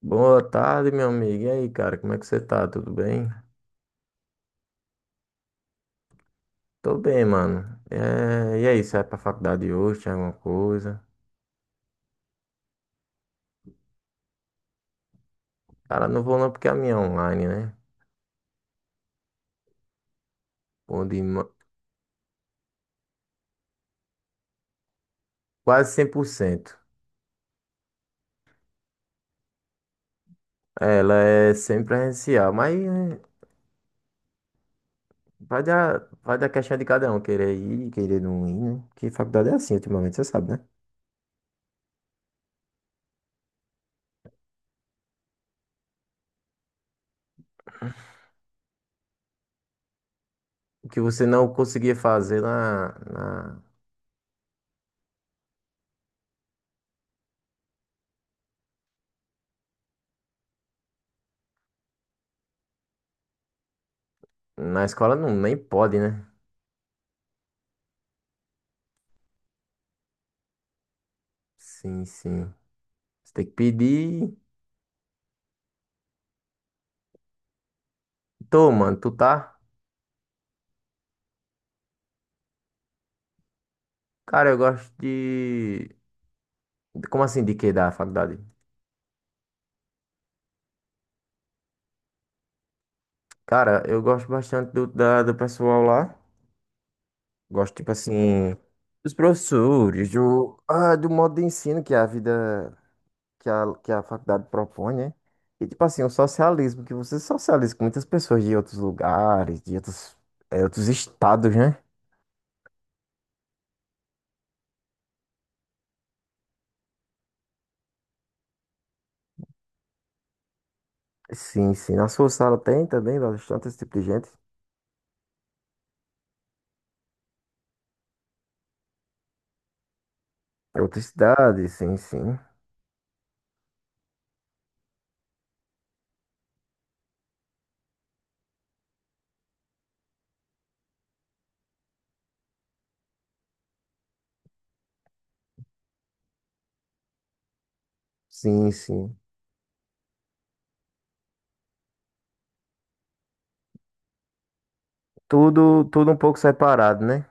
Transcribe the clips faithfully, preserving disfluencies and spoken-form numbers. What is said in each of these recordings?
Boa tarde, meu amigo. E aí, cara, como é que você tá? Tudo bem? Tô bem, mano. É, e aí, você vai pra faculdade hoje? Tem alguma coisa? Cara, não vou não porque a minha é online, né? Onde ma- Quase cem por cento. Ela é sempre presencial, mas é, vai da... vai da questão de cada um querer ir, e querer não ir, né? Porque faculdade é assim ultimamente, você sabe, né? O que você não conseguia fazer na, na... Na escola não, nem pode, né? Sim, sim. Você tem que pedir. Tô, mano, tu tá? Cara, eu gosto de. De- Como assim, de que da faculdade? Cara, eu gosto bastante do, da, do pessoal lá. Gosto, tipo assim, dos professores, do, ah, do modo de ensino que a vida, que a, que a faculdade propõe, né? E, tipo assim, o socialismo, que você socializa com muitas pessoas de outros lugares, de outros, eh, outros estados, né? Sim, sim. Na sua sala tem também bastante esse tipo de gente. Outras cidades, sim, sim. Sim, sim. Tudo, tudo um pouco separado, né?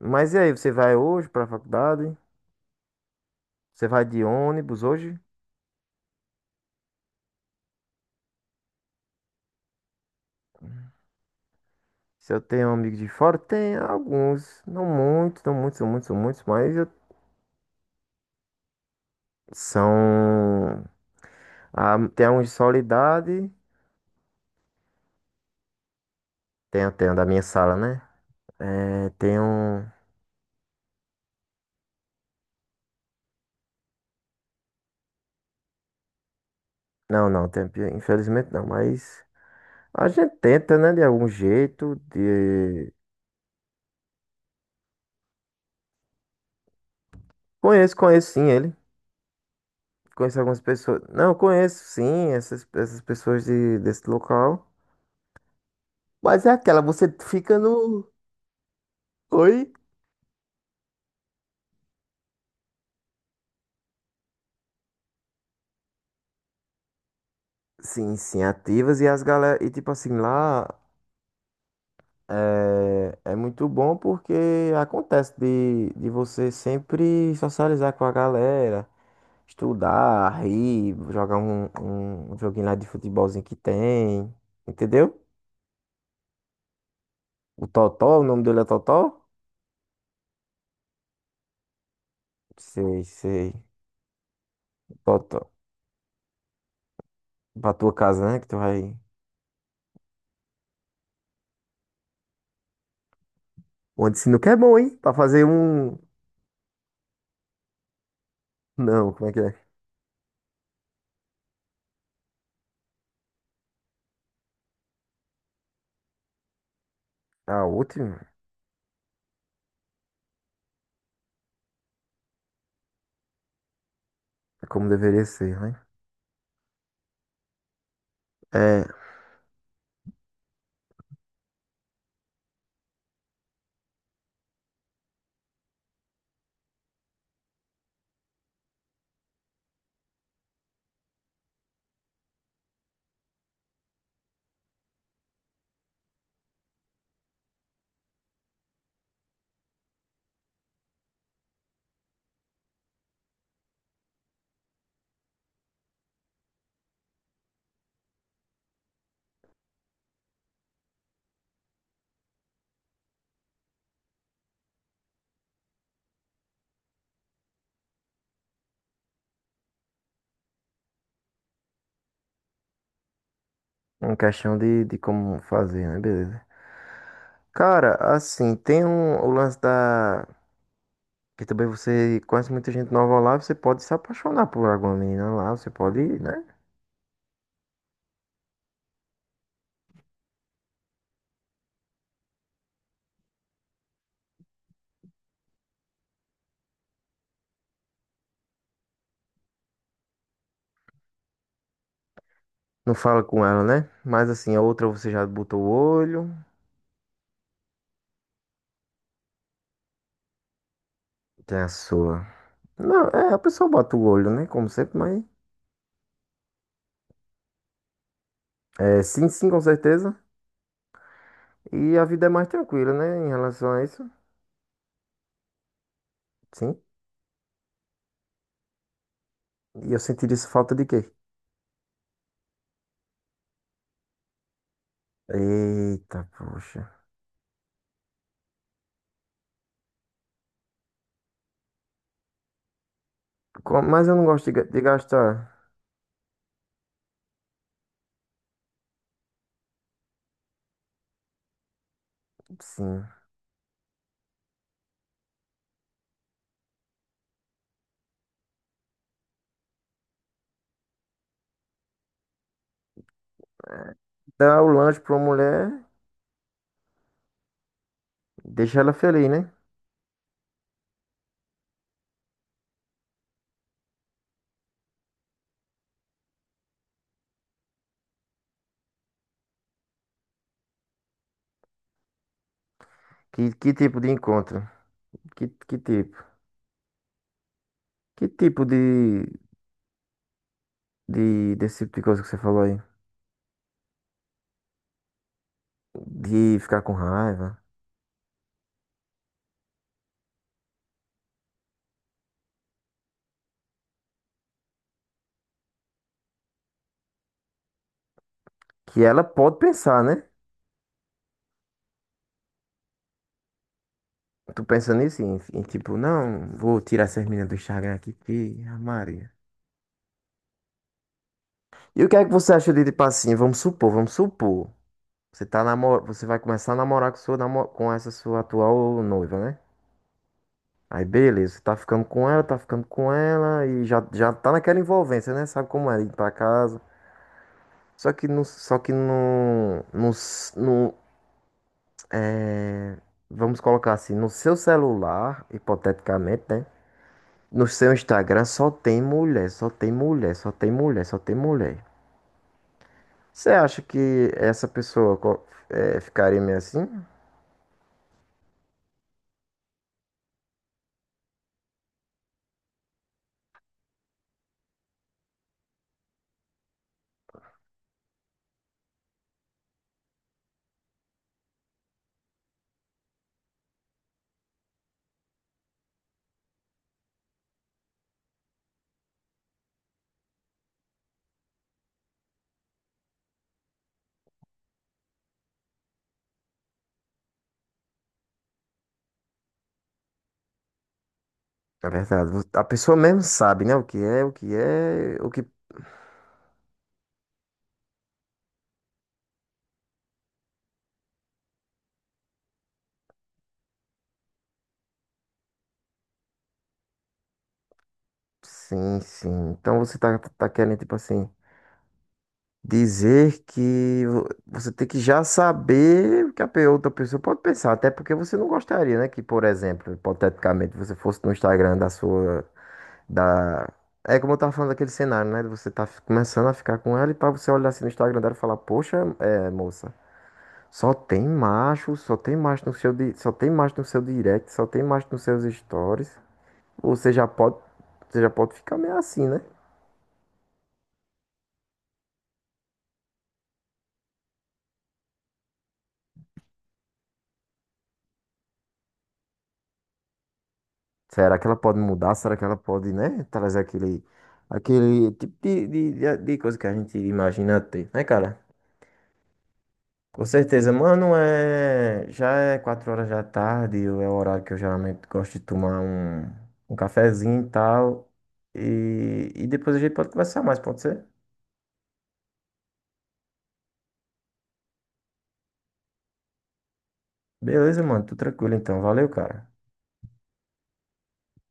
Mas e aí, você vai hoje pra faculdade? Você vai de ônibus hoje? Se eu tenho amigos de fora, tem alguns, não muitos, não muitos, são muitos, são muitos, mas eu- são. Ah, tem uns de solidade, tem, tem um da minha sala, né? É, tem um. Não, não, tem, infelizmente não, mas a gente tenta, né, de algum jeito, de. Conheço, conheço sim ele. Conheço algumas pessoas. Não, conheço sim essas, essas pessoas de, desse local. Mas é aquela, você fica no, oi? Sim, sim, ativas e as galera. E tipo assim, lá é, é muito bom porque acontece de, de você sempre socializar com a galera, estudar, rir, jogar um, um joguinho lá de futebolzinho que tem, entendeu? O Totó, o nome dele é Totó? Sei, sei. Totó. Pra tua casa, né? Que tu vai. Onde sinuca é bom, hein? Pra fazer um. Não, como é que é? A última. É como deveria ser, né? É. Uma questão de, de como fazer, né? Beleza. Cara, assim, tem um, o lance da. Que também você conhece muita gente nova lá, você pode se apaixonar por alguma menina lá, você pode, né? Não fala com ela, né? Mas assim, a outra você já botou o olho. Tem a sua. Não, é, a pessoa bota o olho, né? Como sempre, mas. É, sim, sim, com certeza. E a vida é mais tranquila, né? Em relação a isso. Sim. E eu sentiria isso falta de quê? Eita, poxa. Co- Mas eu não gosto de ga- de gastar. Sim. Dar o lanche pra uma mulher, deixa ela feliz, né? Que, que tipo de encontro? Que, que tipo? Que tipo de, de, desse tipo de coisa que você falou aí? De ficar com raiva? Que ela pode pensar, né? Tu pensa nisso, em, em tipo, não, vou tirar essas meninas do Instagram aqui, que a Maria. E o que é que você acha de, tipo assim, vamos supor, vamos supor, você tá namor... você vai começar a namorar com sua namo... com essa sua atual noiva, né? Aí beleza, tá ficando com ela, tá ficando com ela e já, já tá naquela envolvência, né? Sabe como é ir pra casa. Só que no, só que no, no, s- no- vamos colocar assim, no seu celular, hipoteticamente, né? No seu Instagram só tem mulher, só tem mulher, só tem mulher, só tem mulher. Você acha que essa pessoa co- eh, ficaria meio assim? É verdade. vo- A pessoa mesmo sabe, né? O que é, o que é, o que. Sim, sim. Então você tá, tá querendo, tipo assim. Dizer que vo- você tem que já saber o que a pe- outra pessoa pode pensar, até porque você não gostaria, né? Que, por exemplo, hipoteticamente, você fosse no Instagram da sua, da... É como eu tava falando daquele cenário, né? de Você tá fi- começando a ficar com ela e pra você olhar assim no Instagram dela e falar, poxa, é, moça, só tem macho, só tem macho no seu, di- só tem macho no seu direct, só tem macho nos seus stories. Você já pode, você já pode ficar meio assim, né? Será que ela pode mudar? Será que ela pode, né, trazer aquele, aquele, tipo de, de, de de coisa que a gente imagina ter, né, cara? Com certeza, mano, é... já é quatro horas da tarde, é o horário que eu geralmente gosto de tomar um, um cafezinho e tal. E, e depois a gente pode conversar mais, pode ser? Beleza, mano, tudo tranquilo então. Valeu, cara.